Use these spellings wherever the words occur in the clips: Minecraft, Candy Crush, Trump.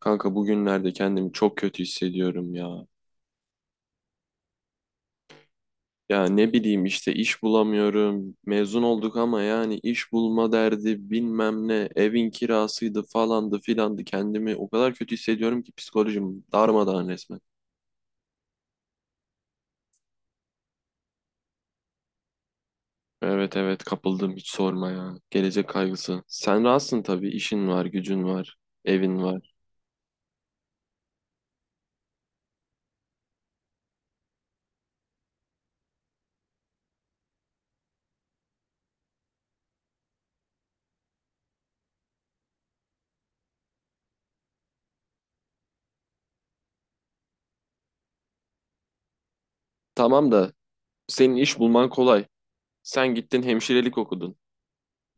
Kanka bugünlerde kendimi çok kötü hissediyorum ya. Ya ne bileyim işte iş bulamıyorum. Mezun olduk ama yani iş bulma derdi bilmem ne. Evin kirasıydı falandı filandı. Kendimi o kadar kötü hissediyorum ki psikolojim darmadağın resmen. Evet evet kapıldım hiç sorma ya. Gelecek kaygısı. Sen rahatsın tabii, işin var, gücün var, evin var. Tamam da senin iş bulman kolay. Sen gittin hemşirelik okudun.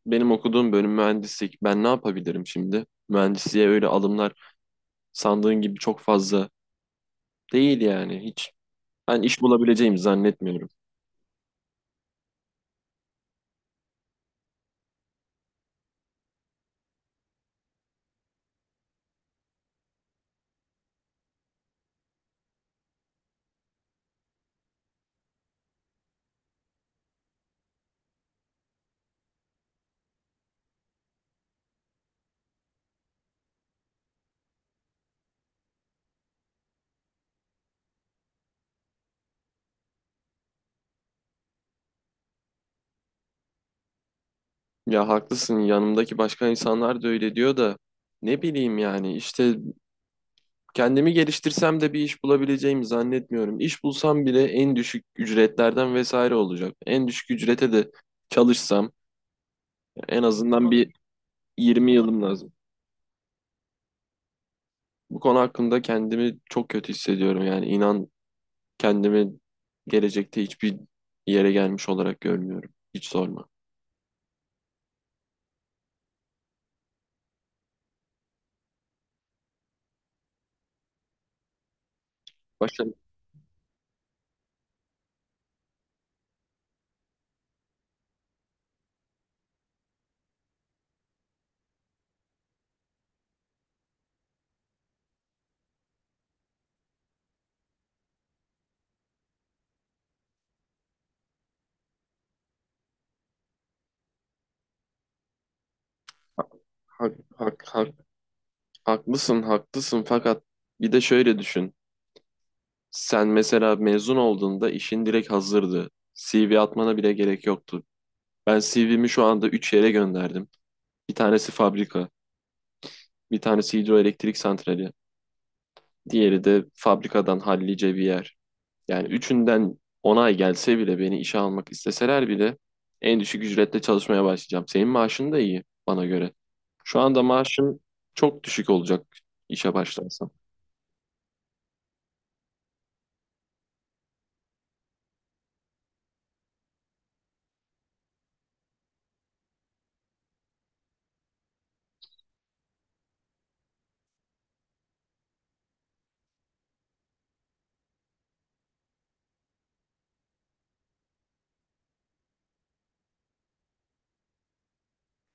Benim okuduğum bölüm mühendislik. Ben ne yapabilirim şimdi? Mühendisliğe öyle alımlar sandığın gibi çok fazla değil yani, hiç. Ben iş bulabileceğimi zannetmiyorum. Ya haklısın, yanımdaki başka insanlar da öyle diyor da ne bileyim yani işte, kendimi geliştirsem de bir iş bulabileceğimi zannetmiyorum. İş bulsam bile en düşük ücretlerden vesaire olacak. En düşük ücrete de çalışsam en azından bir 20 yılım lazım. Bu konu hakkında kendimi çok kötü hissediyorum yani, inan kendimi gelecekte hiçbir yere gelmiş olarak görmüyorum. Hiç sorma. Başka. Hak, hak, hak, Haklısın, haklısın. Fakat bir de şöyle düşün. Sen mesela mezun olduğunda işin direkt hazırdı. CV atmana bile gerek yoktu. Ben CV'mi şu anda 3 yere gönderdim. Bir tanesi fabrika, bir tanesi hidroelektrik santrali, diğeri de fabrikadan hallice bir yer. Yani üçünden onay gelse bile, beni işe almak isteseler bile en düşük ücretle çalışmaya başlayacağım. Senin maaşın da iyi bana göre. Şu anda maaşın çok düşük olacak işe başlarsam.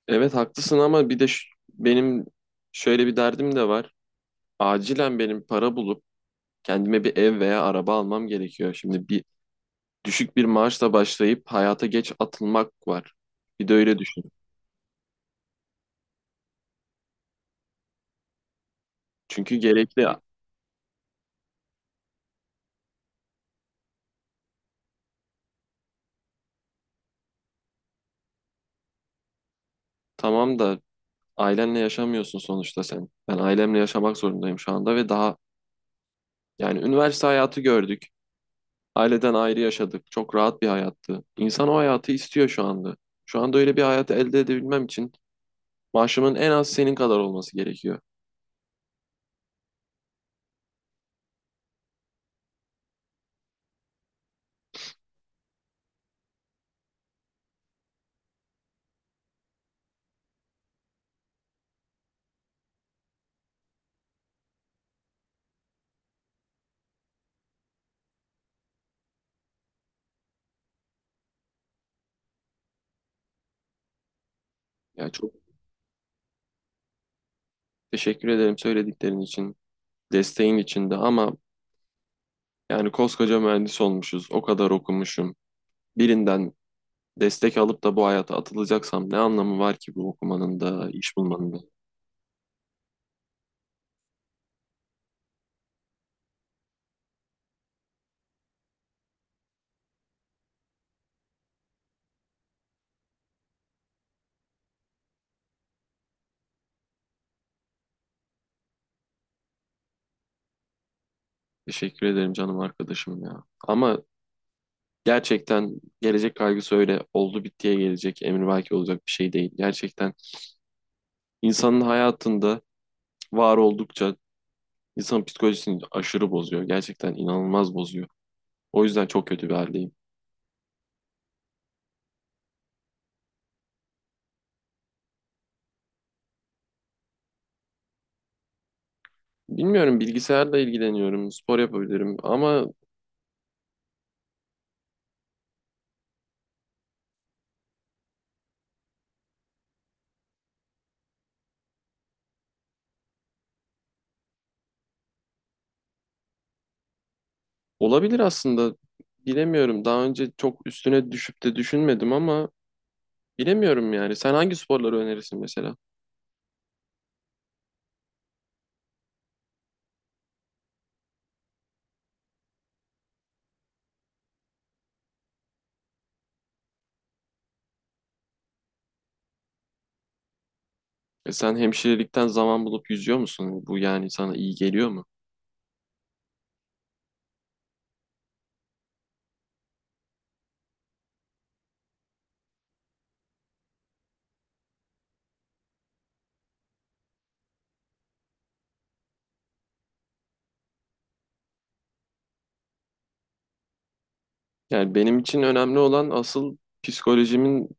Evet haklısın, ama bir de benim şöyle bir derdim de var. Acilen benim para bulup kendime bir ev veya araba almam gerekiyor. Şimdi bir düşük bir maaşla başlayıp hayata geç atılmak var. Bir de öyle düşün. Çünkü gerekli. Tamam da ailenle yaşamıyorsun sonuçta sen. Ben ailemle yaşamak zorundayım şu anda ve daha, yani üniversite hayatı gördük. Aileden ayrı yaşadık. Çok rahat bir hayattı. İnsan o hayatı istiyor şu anda. Şu anda öyle bir hayat elde edebilmem için maaşımın en az senin kadar olması gerekiyor. Ya çok teşekkür ederim söylediklerin için, desteğin için de, ama yani koskoca mühendis olmuşuz, o kadar okumuşum. Birinden destek alıp da bu hayata atılacaksam ne anlamı var ki bu okumanın da, iş bulmanın da? Teşekkür ederim canım arkadaşım ya. Ama gerçekten gelecek kaygısı öyle oldu bittiye gelecek, emrivaki olacak bir şey değil. Gerçekten insanın hayatında var oldukça insanın psikolojisini aşırı bozuyor. Gerçekten inanılmaz bozuyor. O yüzden çok kötü bir haldeyim. Bilmiyorum, bilgisayarla ilgileniyorum, spor yapabilirim ama olabilir aslında. Bilemiyorum. Daha önce çok üstüne düşüp de düşünmedim ama bilemiyorum yani. Sen hangi sporları önerirsin mesela? E sen hemşirelikten zaman bulup yüzüyor musun? Bu yani sana iyi geliyor mu? Yani benim için önemli olan asıl psikolojimin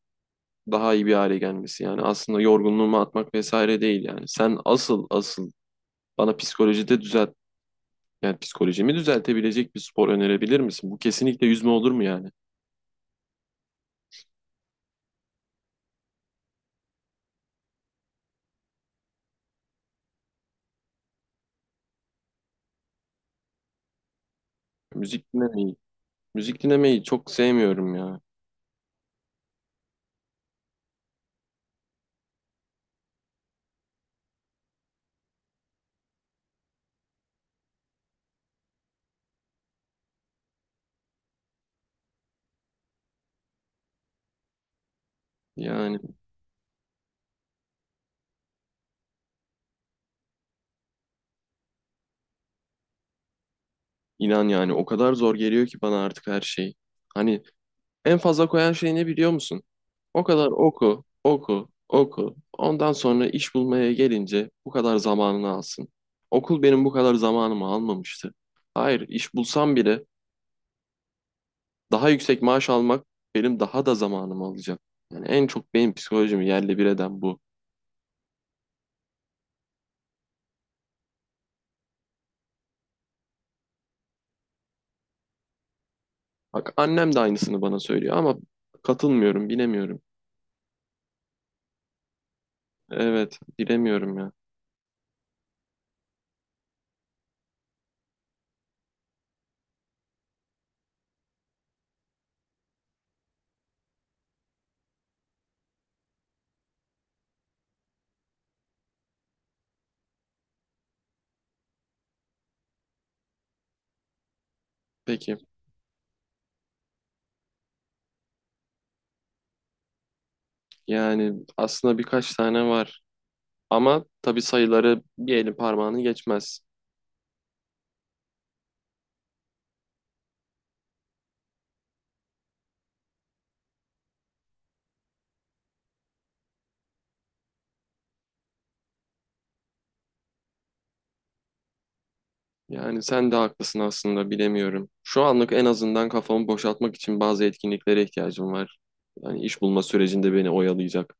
daha iyi bir hale gelmesi. Yani aslında yorgunluğumu atmak vesaire değil yani. Sen asıl asıl bana psikolojide düzelt, yani psikolojimi düzeltebilecek bir spor önerebilir misin? Bu kesinlikle yüzme olur mu yani? Müzik dinlemeyi, müzik dinlemeyi çok sevmiyorum ya. Yani inan yani o kadar zor geliyor ki bana artık her şey. Hani en fazla koyan şey ne biliyor musun? O kadar oku, oku, oku. Ondan sonra iş bulmaya gelince bu kadar zamanını alsın. Okul benim bu kadar zamanımı almamıştı. Hayır, iş bulsam bile daha yüksek maaş almak benim daha da zamanımı alacak. Yani en çok benim psikolojimi yerle bir eden bu. Bak annem de aynısını bana söylüyor ama katılmıyorum, bilemiyorum. Evet, bilemiyorum ya. Peki, yani aslında birkaç tane var ama tabii sayıları bir elin parmağını geçmez. Yani sen de haklısın aslında, bilemiyorum. Şu anlık en azından kafamı boşaltmak için bazı etkinliklere ihtiyacım var. Yani iş bulma sürecinde beni oyalayacak,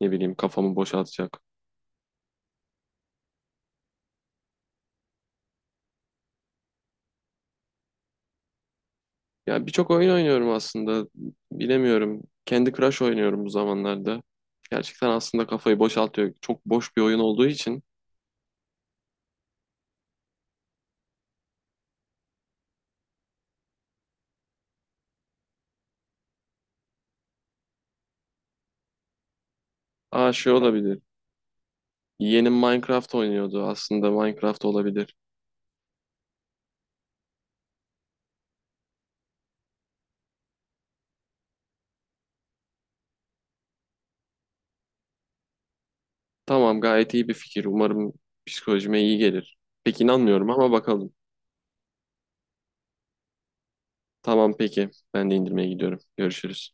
ne bileyim kafamı boşaltacak. Ya birçok oyun oynuyorum aslında, bilemiyorum. Candy Crush oynuyorum bu zamanlarda. Gerçekten aslında kafayı boşaltıyor. Çok boş bir oyun olduğu için. Aa, şey olabilir. Yeğenim Minecraft oynuyordu. Aslında Minecraft olabilir. Tamam, gayet iyi bir fikir. Umarım psikolojime iyi gelir. Pek inanmıyorum ama bakalım. Tamam peki. Ben de indirmeye gidiyorum. Görüşürüz.